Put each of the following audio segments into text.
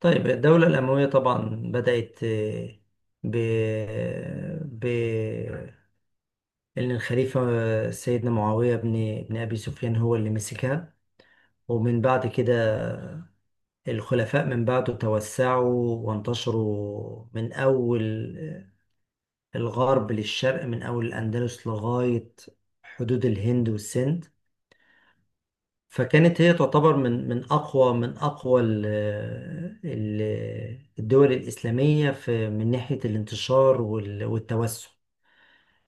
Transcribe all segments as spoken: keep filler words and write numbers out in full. طيب الدولة الأموية طبعا بدأت آه، ب ب إن الخليفة آه، سيدنا معاوية بن بن أبي سفيان هو اللي مسكها. ومن بعد كده الخلفاء من بعده توسعوا وانتشروا من أول آه، الغرب للشرق، من أول الأندلس لغاية حدود الهند والسند. فكانت هي تعتبر من من اقوى من اقوى ال- ال- الدول الاسلاميه في من ناحيه الانتشار وال- والتوسع.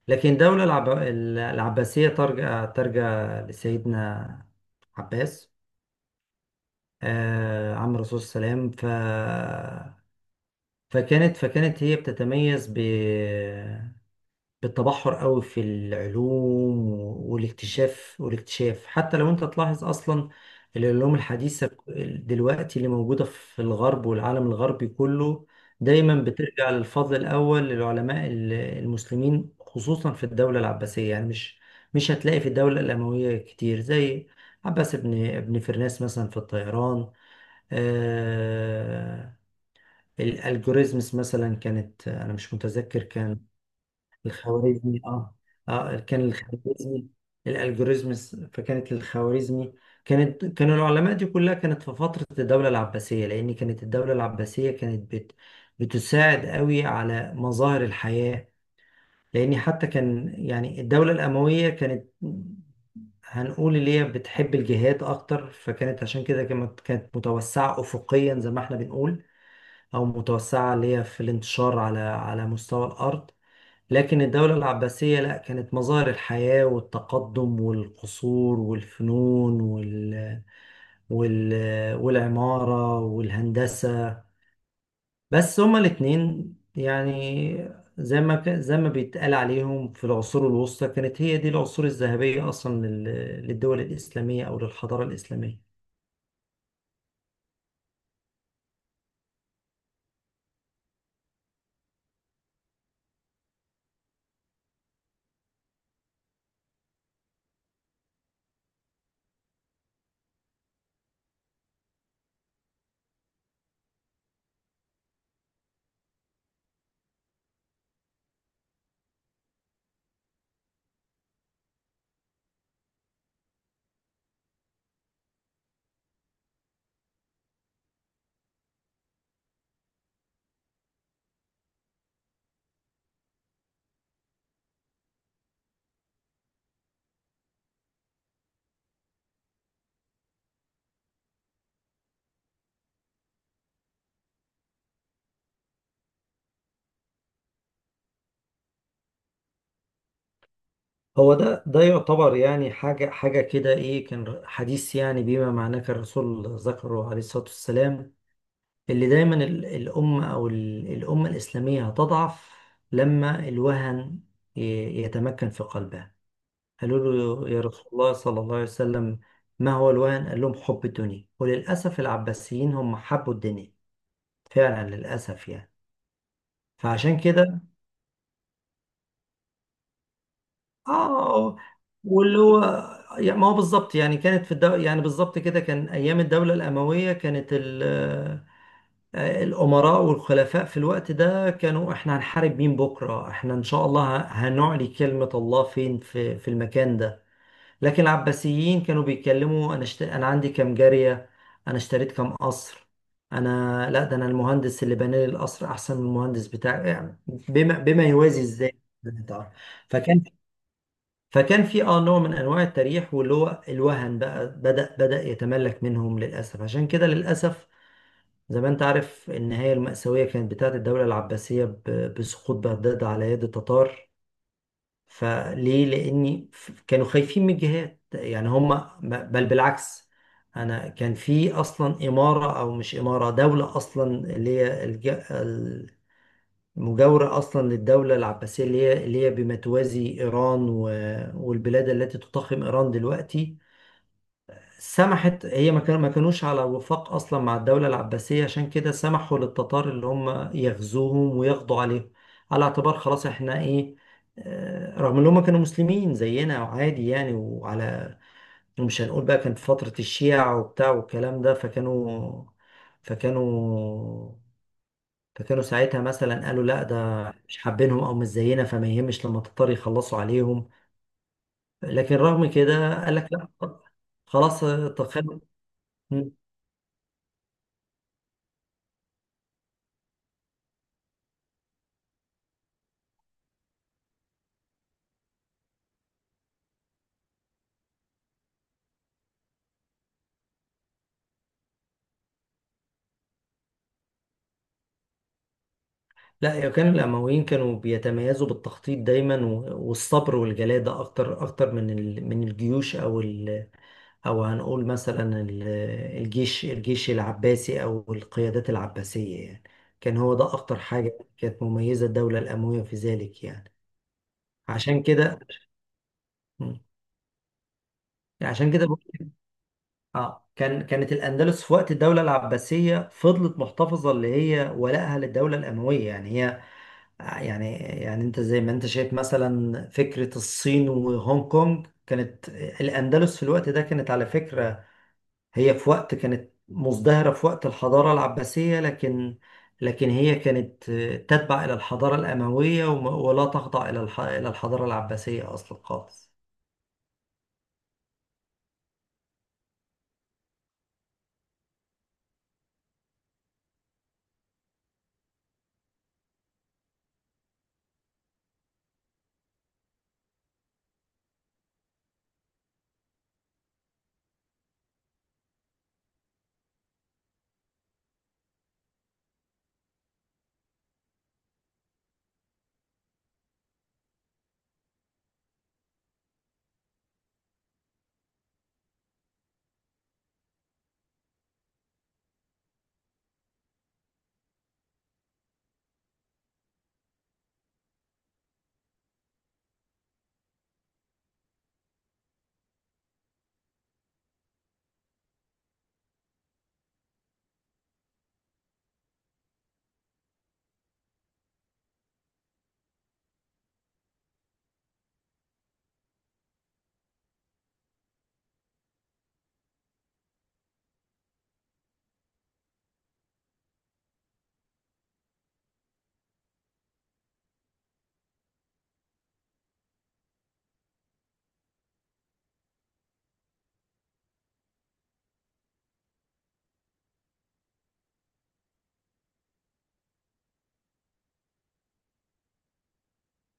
لكن الدوله العب- العباسيه ترجع ترجع لسيدنا عباس، آه، عم الرسول صلى الله عليه وسلم. ف فكانت فكانت هي بتتميز ب بالتبحر قوي في العلوم والاكتشاف والاكتشاف. حتى لو انت تلاحظ اصلا، العلوم الحديثة دلوقتي اللي موجودة في الغرب والعالم الغربي كله دايما بترجع للفضل الأول للعلماء ال- المسلمين، خصوصا في الدولة العباسية. يعني مش مش هتلاقي في الدولة الأموية كتير زي عباس ابن ابن فرناس مثلا في الطيران. آه الالجوريزمز مثلا، كانت أنا مش متذكر كان الخوارزمي. اه اه كان الخوارزمي الالجوريزمز، فكانت الخوارزمي. كانت كانوا العلماء دي كلها كانت في فترة الدولة العباسية، لأن كانت الدولة العباسية كانت بت بتساعد قوي على مظاهر الحياة. لأن حتى كان، يعني الدولة الأموية كانت هنقول اللي هي بتحب الجهاد أكتر. فكانت عشان كده كانت كانت متوسعة أفقيا زي ما احنا بنقول، أو متوسعة اللي هي في الانتشار على على مستوى الأرض. لكن الدولة العباسية لا، كانت مظاهر الحياة والتقدم والقصور والفنون وال... وال... والعمارة والهندسة. بس هما الاتنين يعني، زي ما ك... زي ما بيتقال عليهم في العصور الوسطى، كانت هي دي العصور الذهبية أصلا لل... للدول الإسلامية أو للحضارة الإسلامية. هو ده ده يعتبر يعني حاجة حاجة كده، إيه، كان حديث يعني بما معناه كان الرسول ذكره عليه الصلاة والسلام، اللي دايما ال- الأمة، أو ال- الأمة الإسلامية هتضعف لما الوهن ي- يتمكن في قلبها. قالوا له: يا رسول الله صلى الله عليه وسلم، ما هو الوهن؟ قال لهم: حب الدنيا. وللأسف العباسيين هم حبوا الدنيا فعلا للأسف يعني. فعشان كده آه واللي هو، يعني ما هو بالظبط، يعني كانت في الدو... يعني بالظبط كده كان أيام الدولة الأموية كانت ال آه، الأمراء والخلفاء في الوقت ده كانوا: احنا هنحارب مين بكرة؟ احنا إن شاء الله ه- هنعلي كلمة الله فين، في, في المكان ده. لكن العباسيين كانوا بيتكلموا: أنا شت... أنا عندي كام جارية، أنا اشتريت كام قصر، أنا لا ده أنا المهندس اللي بنى لي القصر أحسن من المهندس بتاعي، يعني بما بما يوازي إزاي. فكان فكان في اه نوع من انواع التريح، واللي هو الوهن بقى بدأ بدأ يتملك منهم للاسف. عشان كده للاسف، زي ما انت عارف، النهاية المأساوية كانت بتاعت الدولة العباسية ب- بسقوط بغداد على يد التتار. فليه؟ لأن ف- كانوا خايفين من جهات، يعني هم ب- بل بالعكس. أنا كان في أصلا إمارة، أو مش إمارة، دولة أصلا، اللي هي الج- المجاورة أصلا للدولة العباسية، اللي هي اللي هي بما توازي إيران و- والبلاد التي تضخم إيران دلوقتي. سمحت، هي ما كان- ما كانوش على وفاق اصلا مع الدوله العباسيه، عشان كده سمحوا للتتار اللي هم يغزوهم ويقضوا عليهم. على اعتبار خلاص احنا ايه، آه، رغم ان هم كانوا مسلمين زينا وعادي يعني. وعلى ومش هنقول بقى كان في فتره الشيع وبتاع والكلام ده. فكانوا فكانوا فكانوا ساعتها مثلا قالوا: لا، ده مش حابينهم، او مش زينا، فما يهمش لما التتار يخلصوا عليهم. لكن رغم كده قال لك: لا، خلاص، تخيل. لا، هي كان الأمويين كانوا بيتميزوا بالتخطيط دايما و- والصبر والجلادة أكتر أكتر من ال... من الجيوش، أو ال... أو هنقول مثلا ال- الجيش الجيش العباسي أو القيادات العباسية يعني. كان هو ده أكتر حاجة كانت مميزة الدولة الأموية في ذلك يعني. عشان كده مم. عشان كده بقول لك- اه كان كانت الأندلس في وقت الدولة العباسية فضلت محتفظة اللي هي ولائها للدولة الأموية. يعني هي، آه، يعني يعني انت زي ما انت شايف مثلا فكرة الصين وهونج كونج، كانت الأندلس في الوقت ده كانت على فكرة، هي في وقت كانت مزدهرة في وقت الحضارة العباسية. لكن لكن هي كانت تتبع إلى الحضارة الأموية، وم- ولا تخضع إلى الح- إلى الحضارة العباسية أصلا خالص.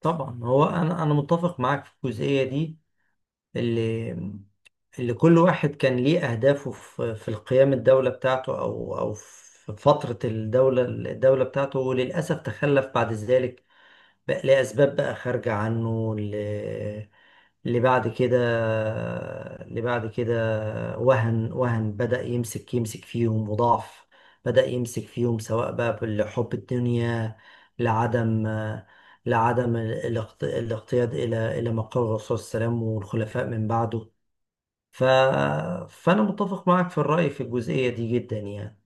طبعا هو أنا أنا متفق معاك في الجزئية دي، اللي اللي كل واحد كان ليه أهدافه في في القيام الدولة بتاعته أو أو في فترة الدولة الدولة بتاعته، وللأسف تخلف بعد ذلك بقى لأسباب بقى خارجة عنه، ل- اللي بعد كده اللي بعد كده وهن وهن بدأ يمسك يمسك فيهم، وضعف بدأ يمسك فيهم، سواء بقى لحب الدنيا، لعدم لعدم الاقت- الاقتياد إلى إلى مقام الرسول صلى الله عليه وسلم والخلفاء من بعده. ف... فأنا متفق معك في الرأي في الجزئية دي جدا يعني.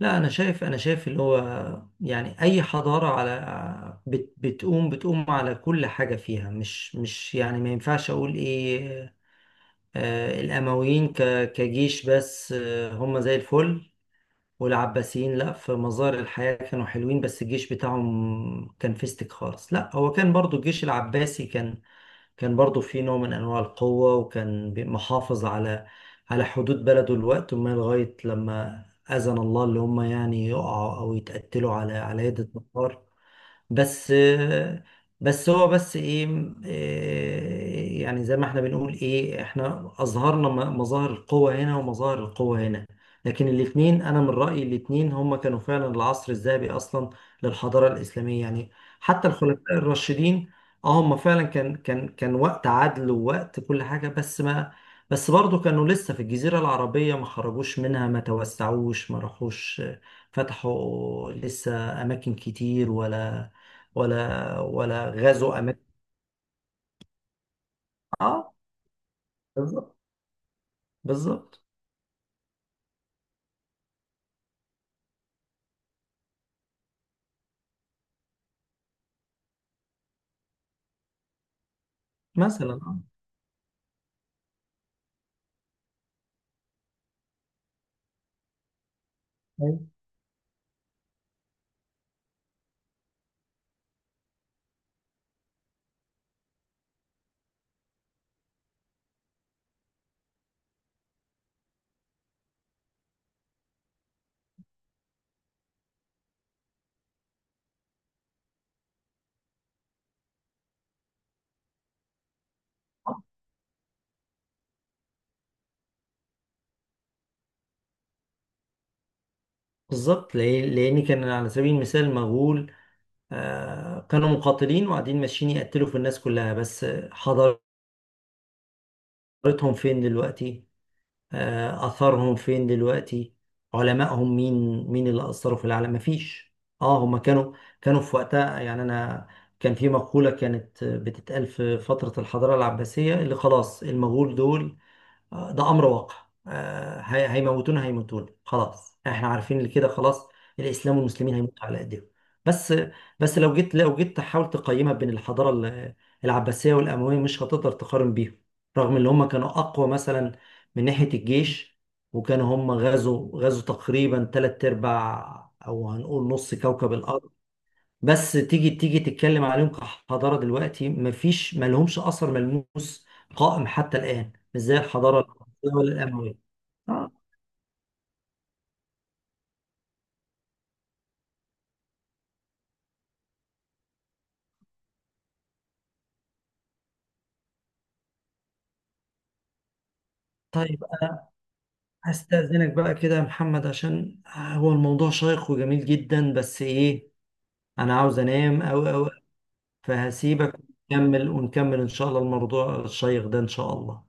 لا، أنا شايف أنا شايف اللي هو، يعني أي حضارة على بت... بتقوم بتقوم على كل حاجة فيها، مش مش يعني ما ينفعش أقول إيه، آه الأمويين ك... كجيش بس، آه هم زي الفل، والعباسيين لا، في مظاهر الحياة كانوا حلوين بس الجيش بتاعهم كان فيستك خالص. لا، هو كان برضو الجيش العباسي كان كان برضو في نوع من أنواع القوة، وكان بي- محافظ على على حدود بلده الوقت، وما لغاية لما أذن الله اللي هم يعني يقعوا أو يتقتلوا على على يد النصارى. بس بس هو بس ايه، إيه، يعني زي ما احنا بنقول، ايه، احنا اظهرنا م- مظاهر القوة هنا ومظاهر القوة هنا. لكن الاتنين، انا من رأيي الاتنين هم كانوا فعلا العصر الذهبي اصلا للحضارة الاسلامية يعني. حتى الخلفاء الراشدين، اه هم فعلا كان كان كان وقت عدل ووقت كل حاجة، بس ما بس برضه كانوا لسه في الجزيرة العربية، ما خرجوش منها، ما توسعوش، ما راحوش، فتحوا لسه أماكن كتير، ولا ولا ولا غزوا اماكن. اه بالظبط بالظبط مثلا. اه أيوة. بالظبط، لأن لأن كان على سبيل المثال المغول آه كانوا مقاتلين وقاعدين ماشيين يقتلوا في الناس كلها بس. حضارتهم فين دلوقتي؟ آه أثرهم فين دلوقتي؟ علمائهم مين؟ مين اللي أثروا في العالم؟ مفيش. اه هما كانوا كانوا في وقتها يعني، أنا كان في مقولة كانت بتتقال في فترة الحضارة العباسية: اللي خلاص المغول دول، آه، ده امر واقع، آه، هي- هيموتونا هيموتونا خلاص، احنا عارفين اللي كده خلاص. الاسلام والمسلمين هيموتوا على ايديهم. بس بس لو جيت لو جيت تحاول تقيمها بين الحضاره ال- العباسيه والامويه، مش هتقدر تقارن بيهم، رغم ان هم كانوا اقوى مثلا من ناحيه الجيش، وكانوا هم غزوا غزوا تقريبا تلات ارباع، او هنقول نص كوكب الارض. بس تيجي تيجي تتكلم عليهم كحضاره دلوقتي مفيش، ما لهمش اثر ملموس قائم حتى الان، مش زي الحضاره القبطيه ولا الامويه. آه. طيب انا هستاذنك بقى كده يا محمد، عشان هو الموضوع شيق وجميل جدا بس ايه، انا عاوز انام او او. فهسيبك ونكمل ونكمل ان شاء الله الموضوع الشيق ده ان شاء الله.